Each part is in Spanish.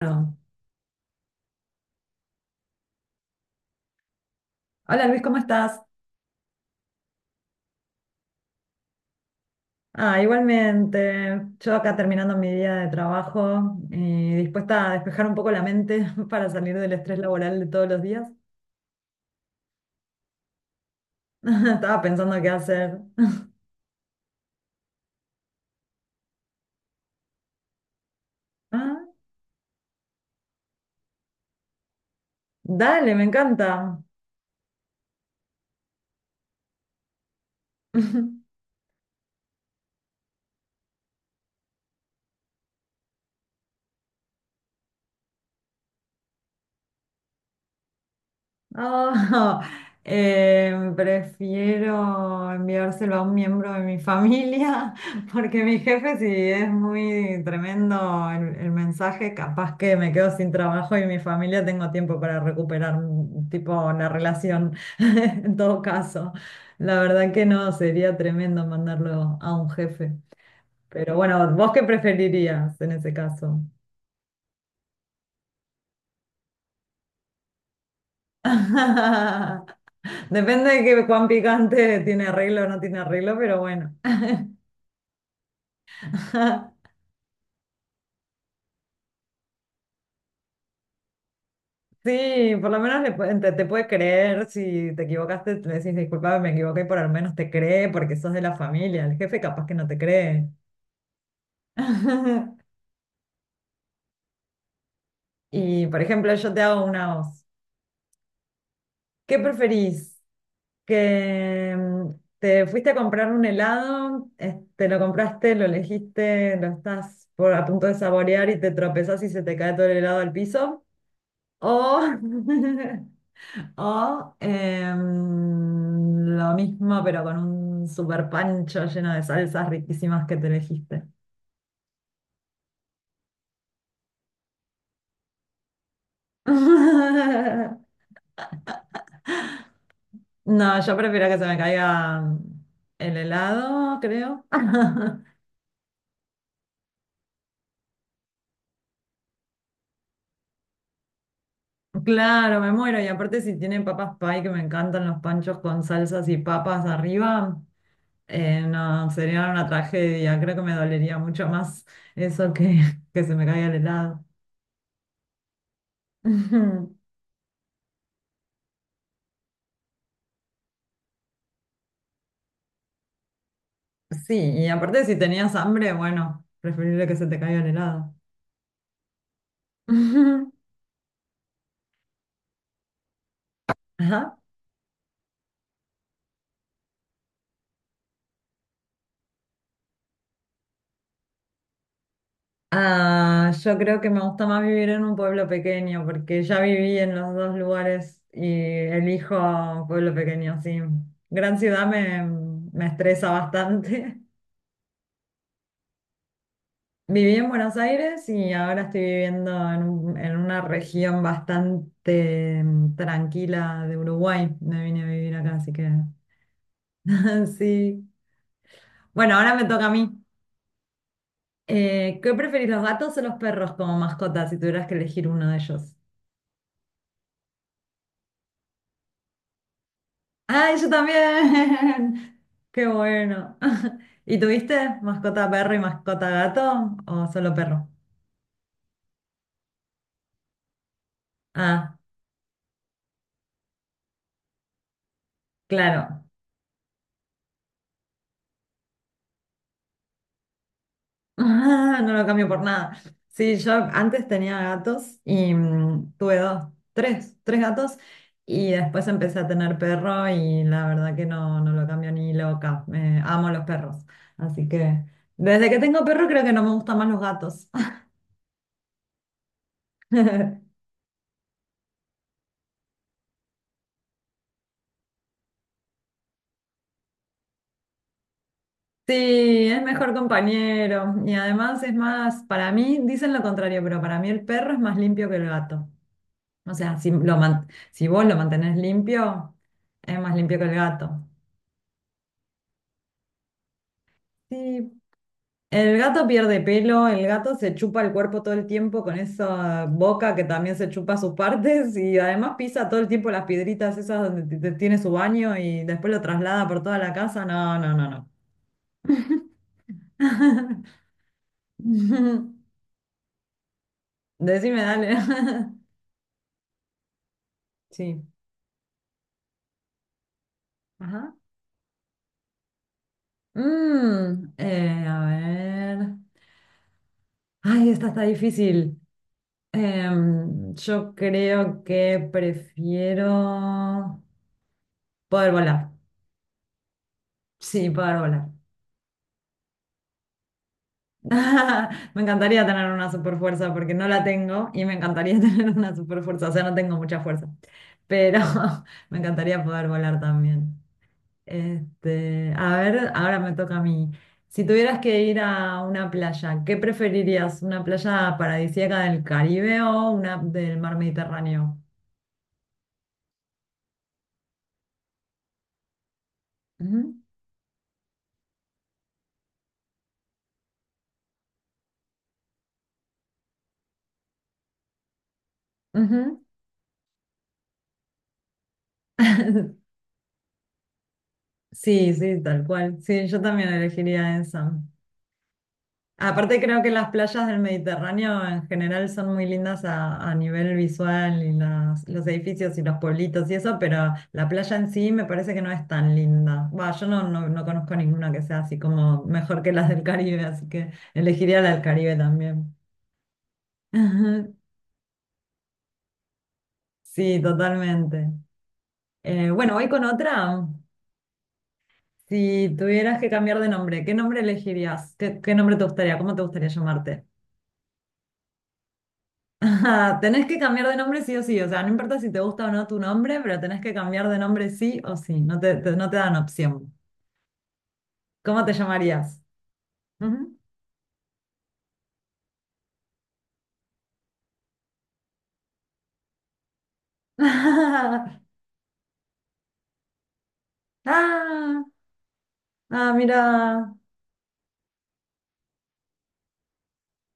Bueno, hola Luis, ¿cómo estás? Ah, igualmente, yo acá terminando mi día de trabajo y dispuesta a despejar un poco la mente para salir del estrés laboral de todos los días. Estaba pensando qué hacer. Ah, dale, me encanta. Oh, prefiero enviárselo a un miembro de mi familia, porque mi jefe, si es muy tremendo el mensaje, capaz que me quedo sin trabajo y mi familia tengo tiempo para recuperar, tipo, la relación, en todo caso. La verdad que no, sería tremendo mandarlo a un jefe. Pero bueno, ¿vos qué preferirías en ese caso? Depende de que, cuán picante tiene arreglo o no tiene arreglo, pero bueno. Sí, por lo menos le pueden- te puede creer si te equivocaste, le decís disculpa, me equivoqué, por al menos te cree porque sos de la familia, el jefe capaz que no te cree. Y por ejemplo, yo te hago una voz. ¿Qué preferís? Que te fuiste a comprar un helado, te lo compraste, lo elegiste, lo estás por, a punto de saborear y te tropezás y se te cae todo el helado al piso. O o lo mismo, pero con un super pancho lleno de salsas riquísimas que te elegiste. No, yo prefiero que se me caiga el helado, creo. Claro, me muero. Y aparte, si tienen papas pie, que me encantan los panchos con salsas y papas arriba, no, sería una tragedia. Creo que me dolería mucho más eso que se me caiga el helado. Sí, y aparte si tenías hambre, bueno, preferible que se te caiga el helado. Ajá. Ah, yo creo que me gusta más vivir en un pueblo pequeño, porque ya viví en los dos lugares y elijo pueblo pequeño, sí. Gran ciudad me, me estresa bastante. Viví en Buenos Aires y ahora estoy viviendo en, un- en una región bastante tranquila de Uruguay. Me vine a vivir acá, así que sí. Bueno, ahora me toca a mí. ¿Qué preferís, los gatos o los perros como mascotas si tuvieras que elegir uno de ellos? ¡Ay, yo también! ¡Qué bueno! ¿Y tuviste mascota perro y mascota gato o solo perro? Ah, claro. Ah, no lo cambio por nada. Sí, yo antes tenía gatos y tuve dos, tres, tres gatos y después empecé a tener perro y la verdad que no, no lo cambio ni loca. Me, amo los perros. Así que desde que tengo perro creo que no me gustan más los gatos. Sí, es mejor compañero y además es más, para mí, dicen lo contrario, pero para mí el perro es más limpio que el gato. O sea, si, lo man- si vos lo mantenés limpio, es más limpio que el gato. Sí, el gato pierde pelo, el gato se chupa el cuerpo todo el tiempo con esa boca que también se chupa sus partes y además pisa todo el tiempo las piedritas esas donde t- t- tiene su baño y después lo traslada por toda la casa. No, no, no, no. Decime, dale. Sí. Ajá. A ver. Ay, esta está difícil. Yo creo que prefiero poder volar. Sí, poder volar. Me encantaría tener una super fuerza porque no la tengo y me encantaría tener una super fuerza, o sea, no tengo mucha fuerza, pero me encantaría poder volar también. Este, a ver, ahora me toca a mí. Si tuvieras que ir a una playa, ¿qué preferirías? ¿Una playa paradisíaca del Caribe o una del mar Mediterráneo? Ujú, ujú. Sí, sí, tal cual. Sí, yo también elegiría esa. Aparte creo que las playas del Mediterráneo en general son muy lindas a nivel visual y las- los edificios y los pueblitos y eso, pero la playa en sí me parece que no es tan linda. Va, yo no, no, no conozco ninguna que sea así como mejor que las del Caribe, así que elegiría la del Caribe también. Ajá. Sí, totalmente. Bueno, voy con otra. Si tuvieras que cambiar de nombre, ¿qué nombre elegirías? ¿Qué, qué nombre te gustaría? ¿Cómo te gustaría llamarte? Ajá, tenés que cambiar de nombre sí o sí, o sea, no importa si te gusta o no tu nombre, pero tenés que cambiar de nombre sí o sí, no te, te- no te dan opción. ¿Cómo te llamarías? Ujú. Ah, ah, mira.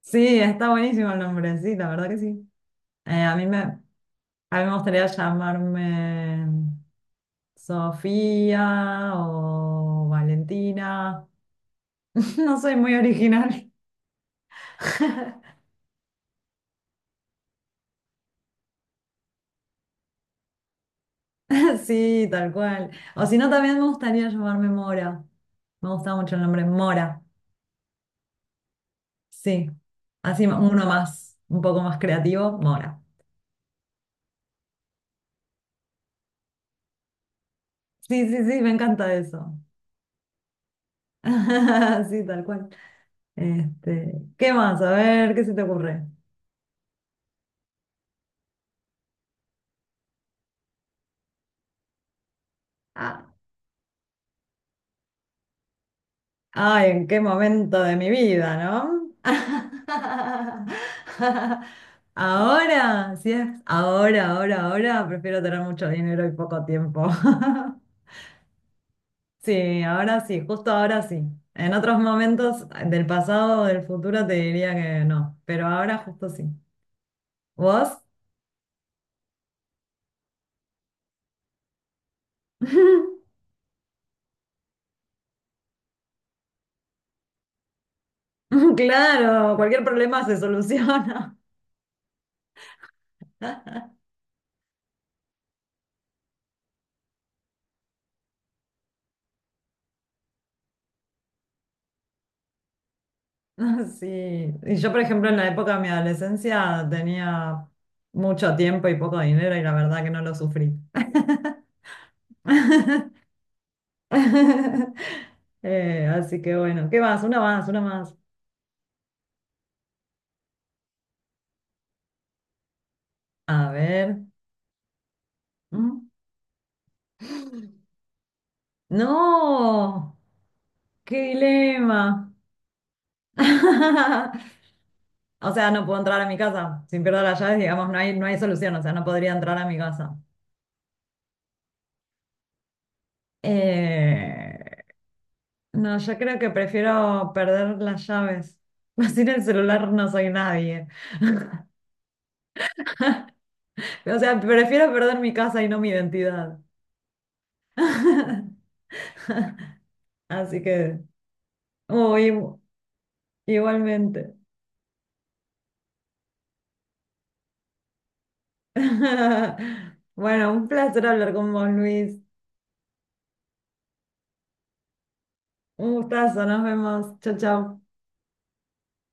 Sí, está buenísimo el nombre, sí, la verdad que sí. Eh, a mí me, a mí me gustaría llamarme Sofía o Valentina. No soy muy original. Sí, tal cual. O si no, también me gustaría llamarme Mora. Me gusta mucho el nombre Mora. Sí. Así uno más, un poco más creativo, Mora. Sí, sí, sí, me encanta eso. Sí, tal cual. Este, ¿qué más? A ver, ¿qué se te ocurre? Ah, ay, ¿en qué momento de mi vida, no? Ahora, si es ahora, ahora, ahora, prefiero tener mucho dinero y poco tiempo. Sí, ahora sí, justo ahora sí. En otros momentos del pasado o del futuro te diría que no, pero ahora justo sí. ¿Vos? Claro, cualquier problema se soluciona. Sí, y yo por ejemplo en la época de mi adolescencia tenía mucho tiempo y poco dinero y la verdad que no lo sufrí. Así que bueno, ¿qué más? Una más, una más. A ver. No, qué dilema. O sea, no puedo entrar a mi casa. Sin pierdo las llaves, digamos, no hay, no hay solución. O sea, no podría entrar a mi casa. Eh, no, yo creo que prefiero perder las llaves. Sin el celular no soy nadie. O sea, prefiero perder mi casa y no mi identidad. Así que, uy, igu- igualmente. Bueno, un placer hablar con vos, Luis. Un gustazo, nos vemos. Chao, chao.